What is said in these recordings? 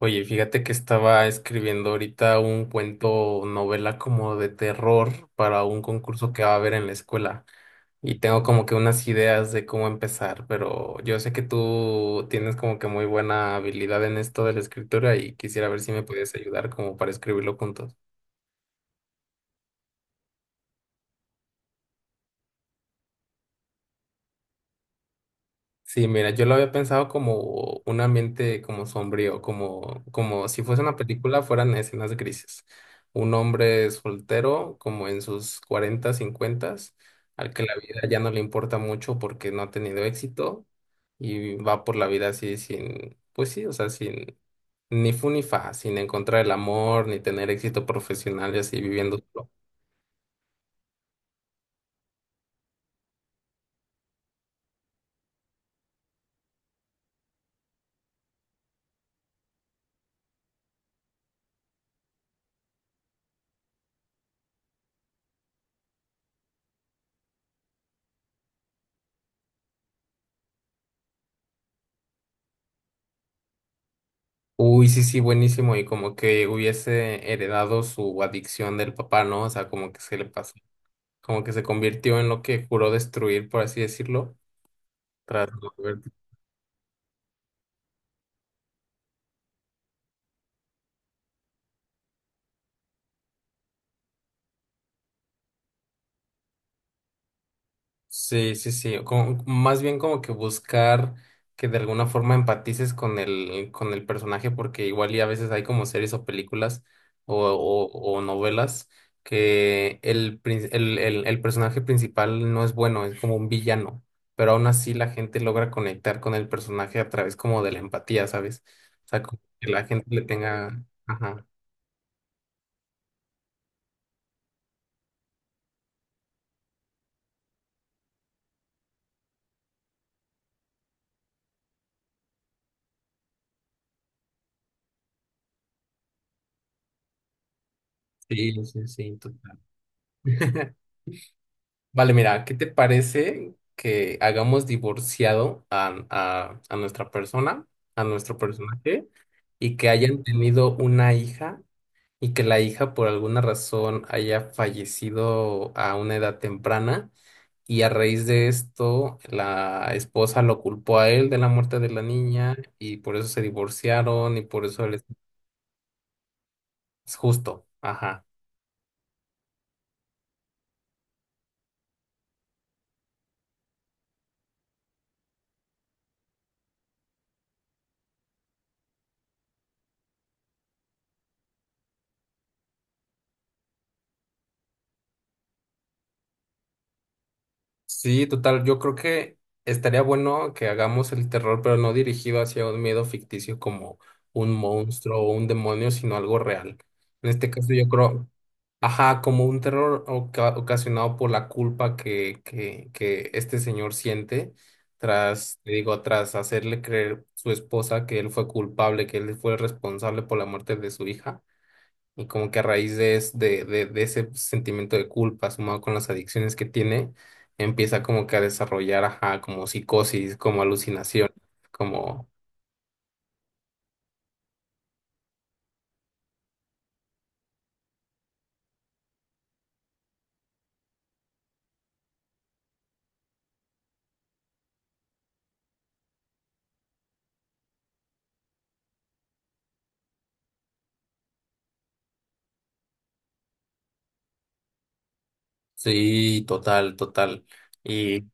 Oye, fíjate que estaba escribiendo ahorita un cuento, novela como de terror para un concurso que va a haber en la escuela y tengo como que unas ideas de cómo empezar, pero yo sé que tú tienes como que muy buena habilidad en esto de la escritura y quisiera ver si me puedes ayudar como para escribirlo juntos. Sí, mira, yo lo había pensado como un ambiente como sombrío, como, si fuese una película fueran escenas grises. Un hombre soltero, como en sus 40, 50, al que la vida ya no le importa mucho porque no ha tenido éxito y va por la vida así sin, pues sí, o sea, sin ni fu ni fa, sin encontrar el amor, ni tener éxito profesional y así viviendo solo. Uy, sí, sí, buenísimo. Y como que hubiese heredado su adicción del papá, ¿no? O sea, como que se le pasó, como que se convirtió en lo que juró destruir, por así decirlo, tras no Sí, sí, sí, más bien como que buscar que de alguna forma empatices con el personaje, porque igual y a veces hay como series o películas o, o, o novelas que el personaje principal no es bueno, es como un villano, pero aún así la gente logra conectar con el personaje a través como de la empatía, ¿sabes? O sea, como que la gente le tenga... Ajá, sí, sí, sí, total. Vale, mira, ¿qué te parece que hagamos divorciado a nuestra persona, a nuestro personaje, y que hayan tenido una hija y que la hija por alguna razón haya fallecido a una edad temprana y a raíz de esto la esposa lo culpó a él de la muerte de la niña y por eso se divorciaron y por eso él es justo, ajá. Sí, total. Yo creo que estaría bueno que hagamos el terror, pero no dirigido hacia un miedo ficticio como un monstruo o un demonio, sino algo real. En este caso, yo creo, ajá, como un terror ocasionado por la culpa que este señor siente tras, te digo, tras hacerle creer su esposa que él fue culpable, que él fue el responsable por la muerte de su hija. Y como que a raíz de, de ese sentimiento de culpa sumado con las adicciones que tiene, empieza como que a desarrollar, ajá, como psicosis, como alucinación, como, sí, total, total. Y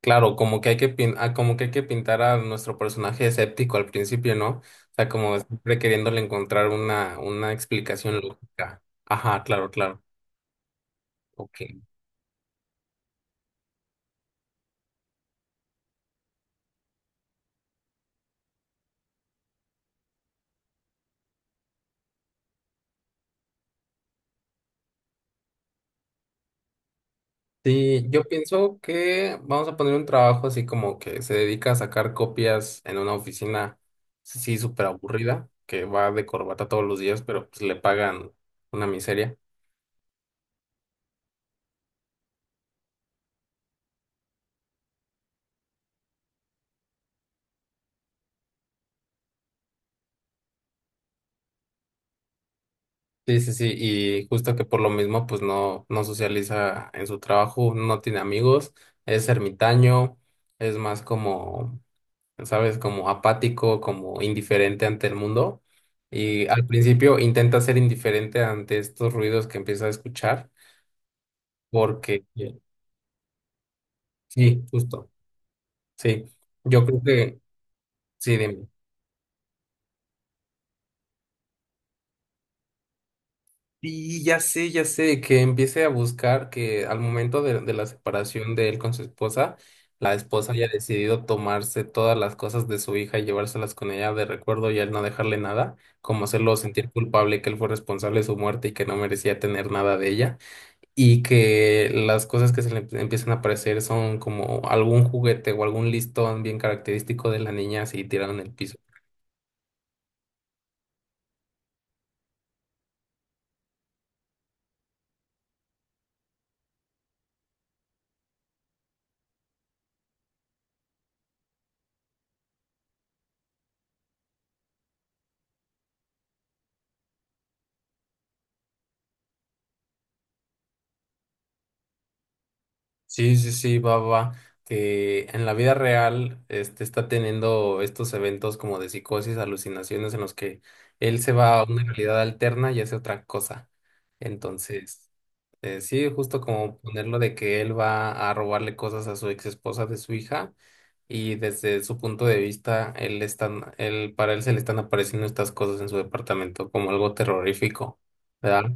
claro, como que hay que, como que hay que pintar a nuestro personaje escéptico al principio, ¿no? O sea, como siempre queriéndole encontrar una explicación lógica. Ajá, claro, claro. Ok. Sí, yo pienso que vamos a poner un trabajo así como que se dedica a sacar copias en una oficina, sí, súper aburrida, que va de corbata todos los días, pero pues le pagan una miseria. Sí, sí, sí, y justo que por lo mismo pues no socializa en su trabajo, no tiene amigos, es ermitaño, es más como, ¿sabes? Como apático, como indiferente ante el mundo. Y al principio intenta ser indiferente ante estos ruidos que empieza a escuchar. Porque, sí, justo, sí. Yo creo que, sí, dime. Y ya sé, que empiece a buscar que al momento de la separación de él con su esposa, la esposa haya decidido tomarse todas las cosas de su hija y llevárselas con ella de recuerdo y él no dejarle nada, como hacerlo sentir culpable que él fue responsable de su muerte y que no merecía tener nada de ella, y que las cosas que se le empiezan a aparecer son como algún juguete o algún listón bien característico de la niña así tirado en el piso. Sí, sí, sí, va, va, va, que en la vida real este, está teniendo estos eventos como de psicosis, alucinaciones en los que él se va a una realidad alterna y hace otra cosa. Entonces, sí, justo como ponerlo de que él va a robarle cosas a su ex esposa de su hija y desde su punto de vista, para él se le están apareciendo estas cosas en su departamento como algo terrorífico, ¿verdad?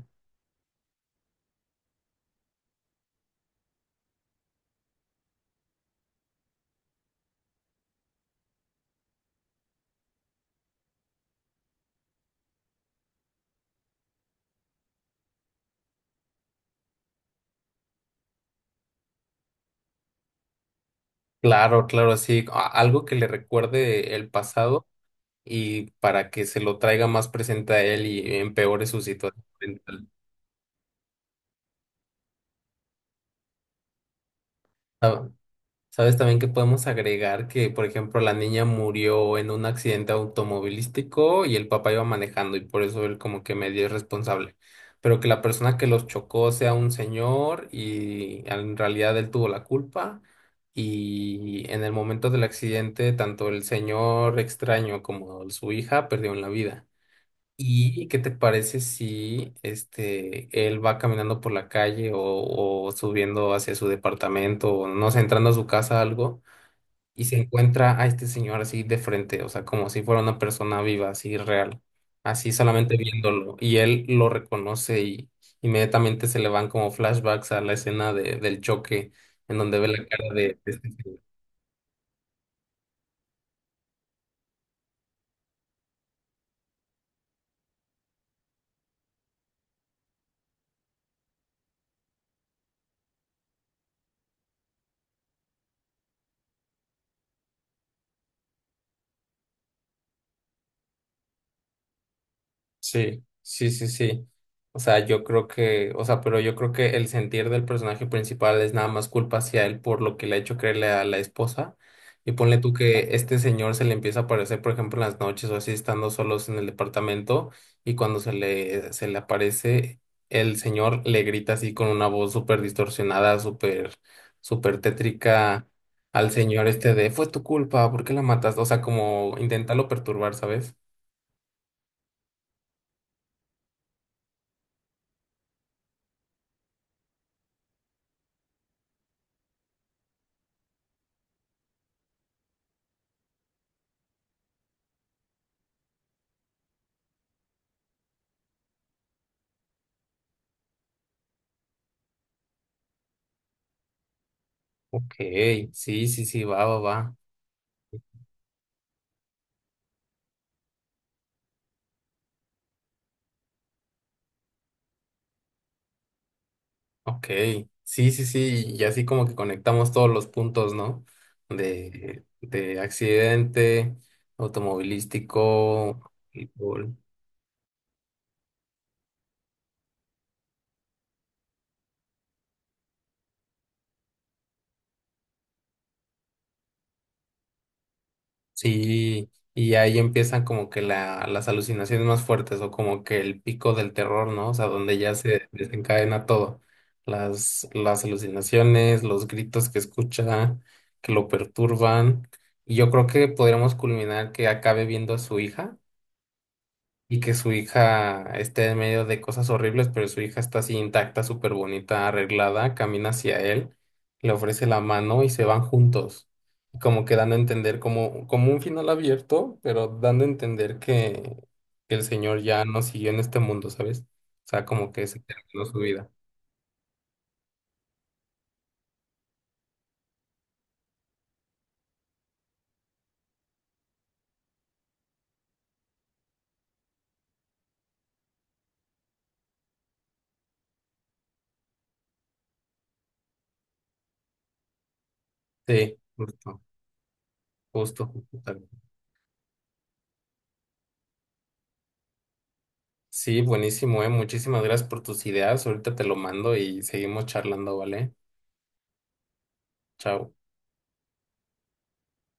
Claro, claro, sí, algo que le recuerde el pasado y para que se lo traiga más presente a él y empeore su situación mental. Ah, ¿Sabes también que podemos agregar que, por ejemplo, la niña murió en un accidente automovilístico y el papá iba manejando y por eso él como que medio es responsable? Pero que la persona que los chocó sea un señor y en realidad él tuvo la culpa. Y en el momento del accidente, tanto el señor extraño como su hija perdieron la vida. ¿Y qué te parece si este él va caminando por la calle o subiendo hacia su departamento o no sé, entrando a su casa algo y se encuentra a este señor así de frente, o sea, como si fuera una persona viva, así real, así solamente viéndolo y él lo reconoce y inmediatamente se le van como flashbacks a la escena del choque en donde ve la cara de este señor. Sí, sí, sí, sí. O sea, yo creo que, o sea, pero yo creo que el sentir del personaje principal es nada más culpa hacia él por lo que le ha hecho creerle a la esposa. Y ponle tú que este señor se le empieza a aparecer, por ejemplo, en las noches o así, estando solos en el departamento, y cuando se le aparece, el señor le grita así con una voz súper distorsionada, súper, súper tétrica al señor este de, fue tu culpa, ¿por qué la mataste? O sea, como intentarlo perturbar, ¿sabes? Ok, sí, sí, sí, va, va, va. Ok, sí, sí, sí, y así como que conectamos todos los puntos, ¿no? De accidente, automovilístico, fútbol. Sí, y ahí empiezan como que las alucinaciones más fuertes o como que el pico del terror, ¿no? O sea, donde ya se desencadena todo. Las alucinaciones, los gritos que escucha, que lo perturban. Y yo creo que podríamos culminar que acabe viendo a su hija y que su hija esté en medio de cosas horribles, pero su hija está así intacta, súper bonita, arreglada, camina hacia él, le ofrece la mano y se van juntos. Y como que dando a entender como, como un final abierto, pero dando a entender que el Señor ya no siguió en este mundo, ¿sabes? O sea, como que se terminó su vida. Sí, justo, justo, tal vez. Sí, buenísimo, eh. Muchísimas gracias por tus ideas. Ahorita te lo mando y seguimos charlando, ¿vale? Chao.